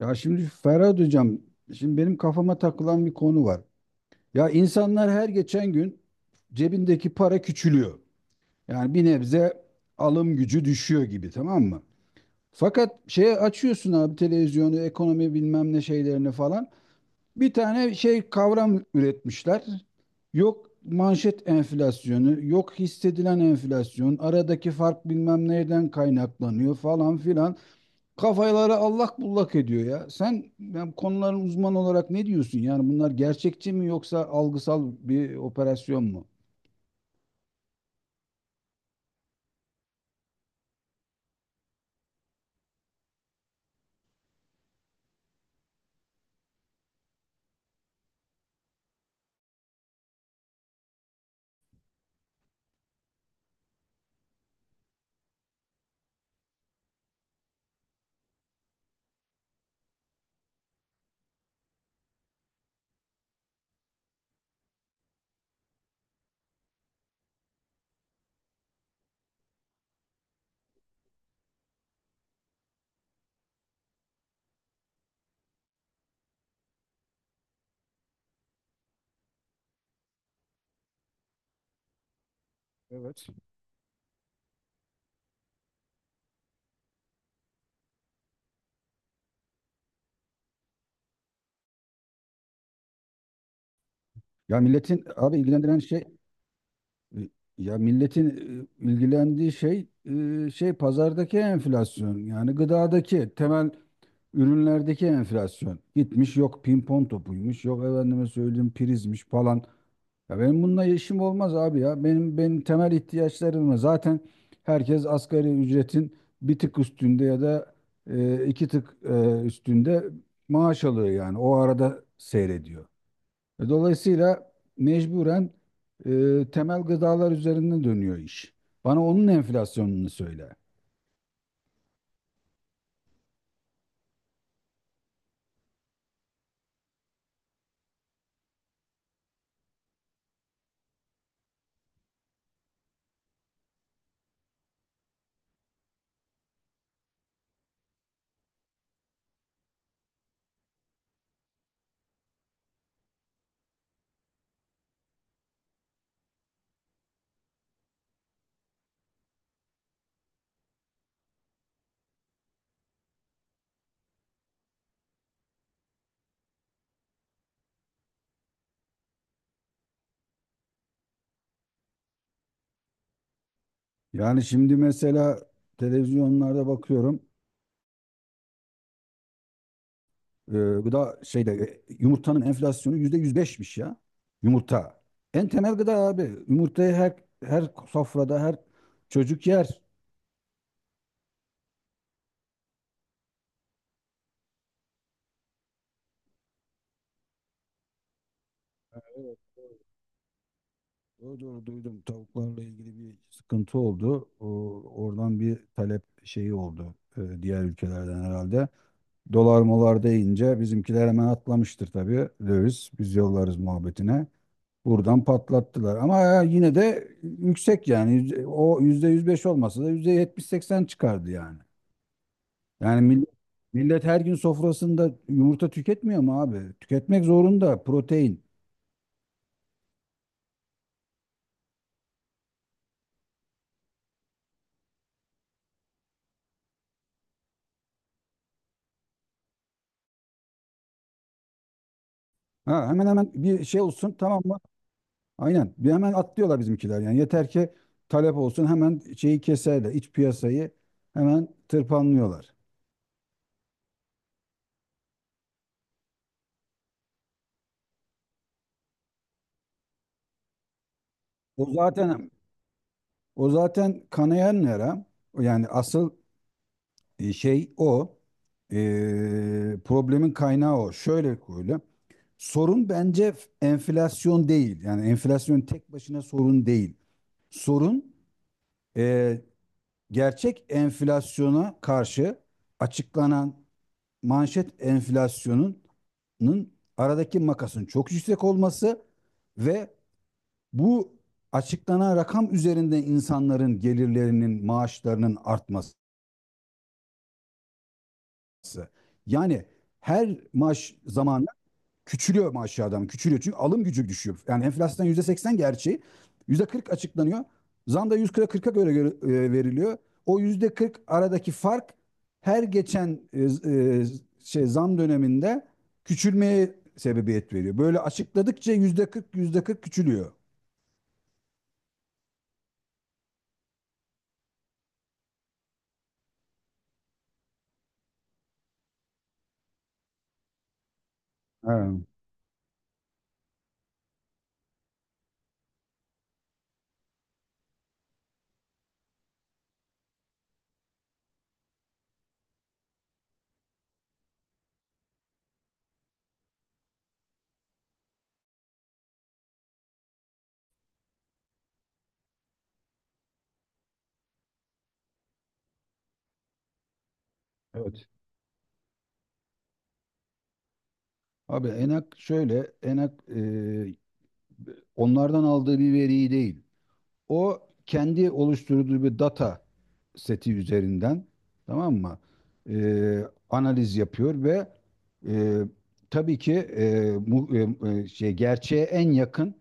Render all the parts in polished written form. Ya şimdi Ferhat Hocam, şimdi benim kafama takılan bir konu var. Ya insanlar her geçen gün cebindeki para küçülüyor. Yani bir nebze alım gücü düşüyor gibi tamam mı? Fakat şeye açıyorsun abi televizyonu, ekonomi bilmem ne şeylerini falan. Bir tane şey kavram üretmişler. Yok manşet enflasyonu, yok hissedilen enflasyon, aradaki fark bilmem nereden kaynaklanıyor falan filan. Kafaları allak bullak ediyor ya. Sen yani konuların uzmanı olarak ne diyorsun? Yani bunlar gerçekçi mi yoksa algısal bir operasyon mu? Evet. Ya milletin abi ilgilendiren şey e, ya milletin ilgilendiği şey şey pazardaki enflasyon, yani gıdadaki temel ürünlerdeki enflasyon gitmiş, yok pimpon topuymuş, yok efendime söyleyeyim prizmiş falan. Ya benim bununla işim olmaz abi ya. Benim temel ihtiyaçlarım zaten, herkes asgari ücretin bir tık üstünde ya da iki tık üstünde maaş alıyor yani. O arada seyrediyor. Dolayısıyla mecburen temel gıdalar üzerinde dönüyor iş. Bana onun enflasyonunu söyle. Yani şimdi mesela televizyonlarda bakıyorum. e, Gıda şeyde yumurtanın enflasyonu %105'miş ya. Yumurta. En temel gıda abi. Yumurtayı her sofrada her çocuk yer. Evet, doğru. Doğru doğru duydum. Tavuklarla ilgili bir sıkıntı oldu. Oradan bir talep şeyi oldu diğer ülkelerden herhalde. Dolar molar deyince bizimkiler hemen atlamıştır tabii. Döviz biz yollarız muhabbetine. Buradan patlattılar. Ama ya yine de yüksek yani. O %105 olmasa da %70-80 çıkardı yani. Yani millet her gün sofrasında yumurta tüketmiyor mu abi? Tüketmek zorunda, protein. Ha, hemen hemen bir şey olsun tamam mı? Aynen. Bir hemen atlıyorlar bizimkiler. Yani yeter ki talep olsun, hemen şeyi keserler. İç piyasayı hemen tırpanlıyorlar. O zaten O zaten kanayan yara. Yani asıl şey o. Problemin kaynağı o. Şöyle koyayım. Sorun bence enflasyon değil. Yani enflasyon tek başına sorun değil. Sorun e, gerçek enflasyona karşı açıklanan manşet enflasyonunun, aradaki makasın çok yüksek olması ve bu açıklanan rakam üzerinde insanların gelirlerinin, maaşlarının artması. Yani her maaş zamanı küçülüyor maaşı adam, küçülüyor. Çünkü alım gücü düşüyor. Yani enflasyon %80 gerçeği, %40 açıklanıyor. Zam da %40'a göre veriliyor. O %40 aradaki fark her geçen zam döneminde küçülmeye sebebiyet veriyor. Böyle açıkladıkça %40, %40 küçülüyor. Ha, evet. Abi Enak şöyle, Enak onlardan aldığı bir veriyi değil. O, kendi oluşturduğu bir data seti üzerinden, tamam mı, E, analiz yapıyor ve e, tabii ki şey, gerçeğe en yakın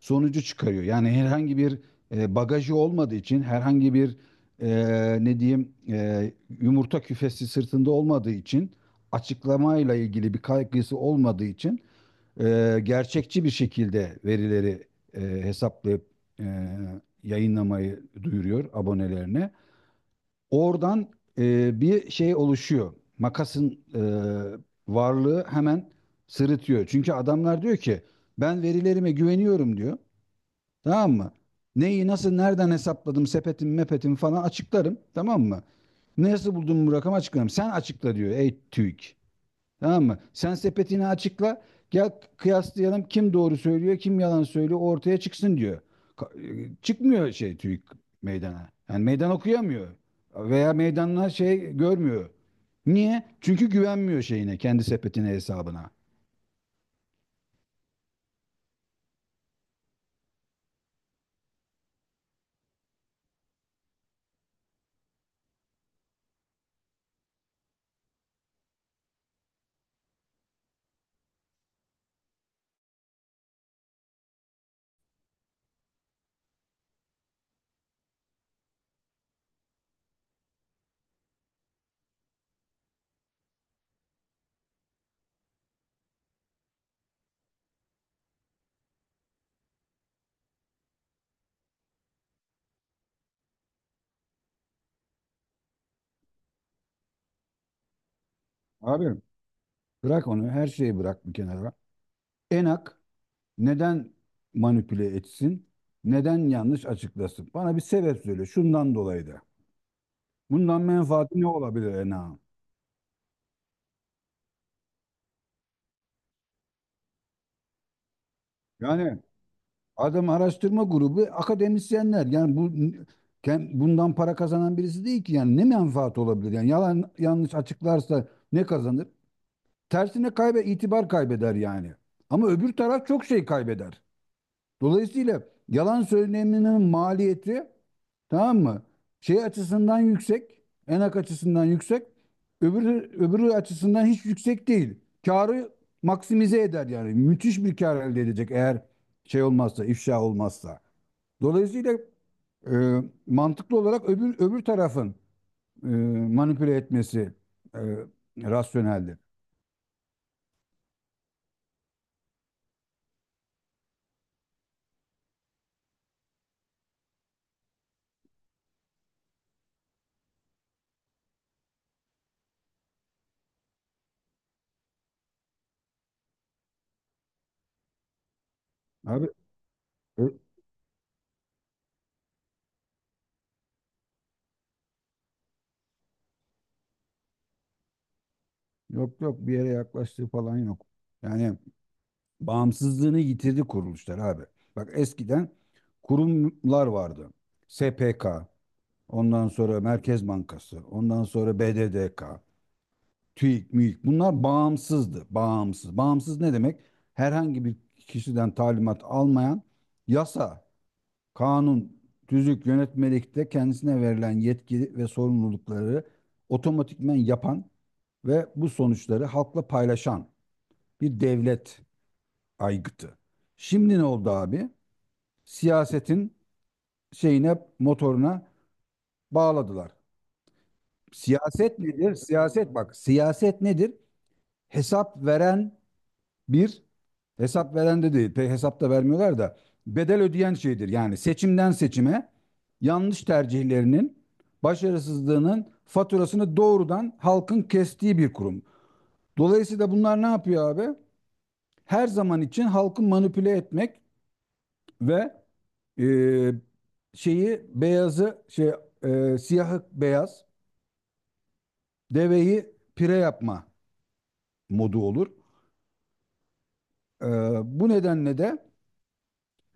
sonucu çıkarıyor. Yani herhangi bir bagajı olmadığı için, herhangi bir ne diyeyim, yumurta küfesi sırtında olmadığı için, açıklamayla ilgili bir kaygısı olmadığı için gerçekçi bir şekilde verileri hesaplayıp e, yayınlamayı duyuruyor abonelerine. Oradan bir şey oluşuyor. Makasın varlığı hemen sırıtıyor. Çünkü adamlar diyor ki, ben verilerime güveniyorum diyor. Tamam mı? Neyi nasıl nereden hesapladım, sepetim mepetim falan açıklarım. Tamam mı? Nasıl buldum bu rakamı açıklarım. Sen açıkla diyor ey TÜİK. Tamam mı? Sen sepetini açıkla. Gel kıyaslayalım, kim doğru söylüyor, kim yalan söylüyor ortaya çıksın diyor. Çıkmıyor şey TÜİK meydana. Yani meydan okuyamıyor. Veya meydanlar şey görmüyor. Niye? Çünkü güvenmiyor şeyine, kendi sepetine, hesabına. Abi bırak onu, her şeyi bırak bir kenara. Enak neden manipüle etsin? Neden yanlış açıklasın? Bana bir sebep söyle. Şundan dolayı da. Bundan menfaati ne olabilir Enak'ın? Yani adam araştırma grubu, akademisyenler. Yani bu bundan para kazanan birisi değil ki. Yani ne menfaat olabilir? Yani yalan yanlış açıklarsa ne kazanır? Tersine itibar kaybeder yani. Ama öbür taraf çok şey kaybeder. Dolayısıyla yalan söyleminin maliyeti, tamam mı, şey açısından yüksek, enak açısından yüksek, öbürü açısından hiç yüksek değil. Karı maksimize eder yani. Müthiş bir kar elde edecek, eğer şey olmazsa, ifşa olmazsa. Dolayısıyla mantıklı olarak öbür tarafın e, manipüle etmesi e, rasyoneldir. Abi ö- yok yok, bir yere yaklaştığı falan yok. Yani bağımsızlığını yitirdi kuruluşlar abi. Bak eskiden kurumlar vardı. SPK, ondan sonra Merkez Bankası, ondan sonra BDDK, TÜİK, MÜİK. Bunlar bağımsızdı. Bağımsız. Bağımsız ne demek? Herhangi bir kişiden talimat almayan, yasa, kanun, tüzük, yönetmelikte kendisine verilen yetki ve sorumlulukları otomatikmen yapan ve bu sonuçları halkla paylaşan bir devlet aygıtı. Şimdi ne oldu abi? Siyasetin şeyine, motoruna bağladılar. Siyaset nedir? Siyaset, bak siyaset nedir? Hesap veren bir, hesap veren de değil pek, hesap da vermiyorlar da, bedel ödeyen şeydir. Yani seçimden seçime yanlış tercihlerinin, başarısızlığının faturasını doğrudan halkın kestiği bir kurum. Dolayısıyla bunlar ne yapıyor abi? Her zaman için halkı manipüle etmek ve Ee, şeyi beyazı, siyahı beyaz, deveyi pire yapma modu olur. Ee, Bu nedenle de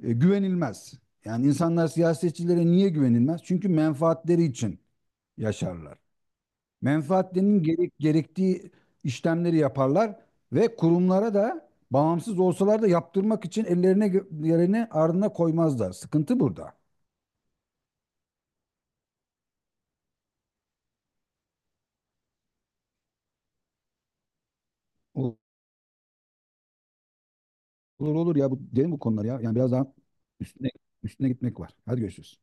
güvenilmez. Yani insanlar siyasetçilere niye güvenilmez? Çünkü menfaatleri için yaşarlar. Menfaatlerinin gerektiği işlemleri yaparlar ve kurumlara da, bağımsız olsalar da, yaptırmak için ellerine yerine ardına koymazlar. Sıkıntı burada. Olur olur ya, bu derin bu konular ya. Yani biraz daha üstüne üstüne gitmek var. Hadi görüşürüz.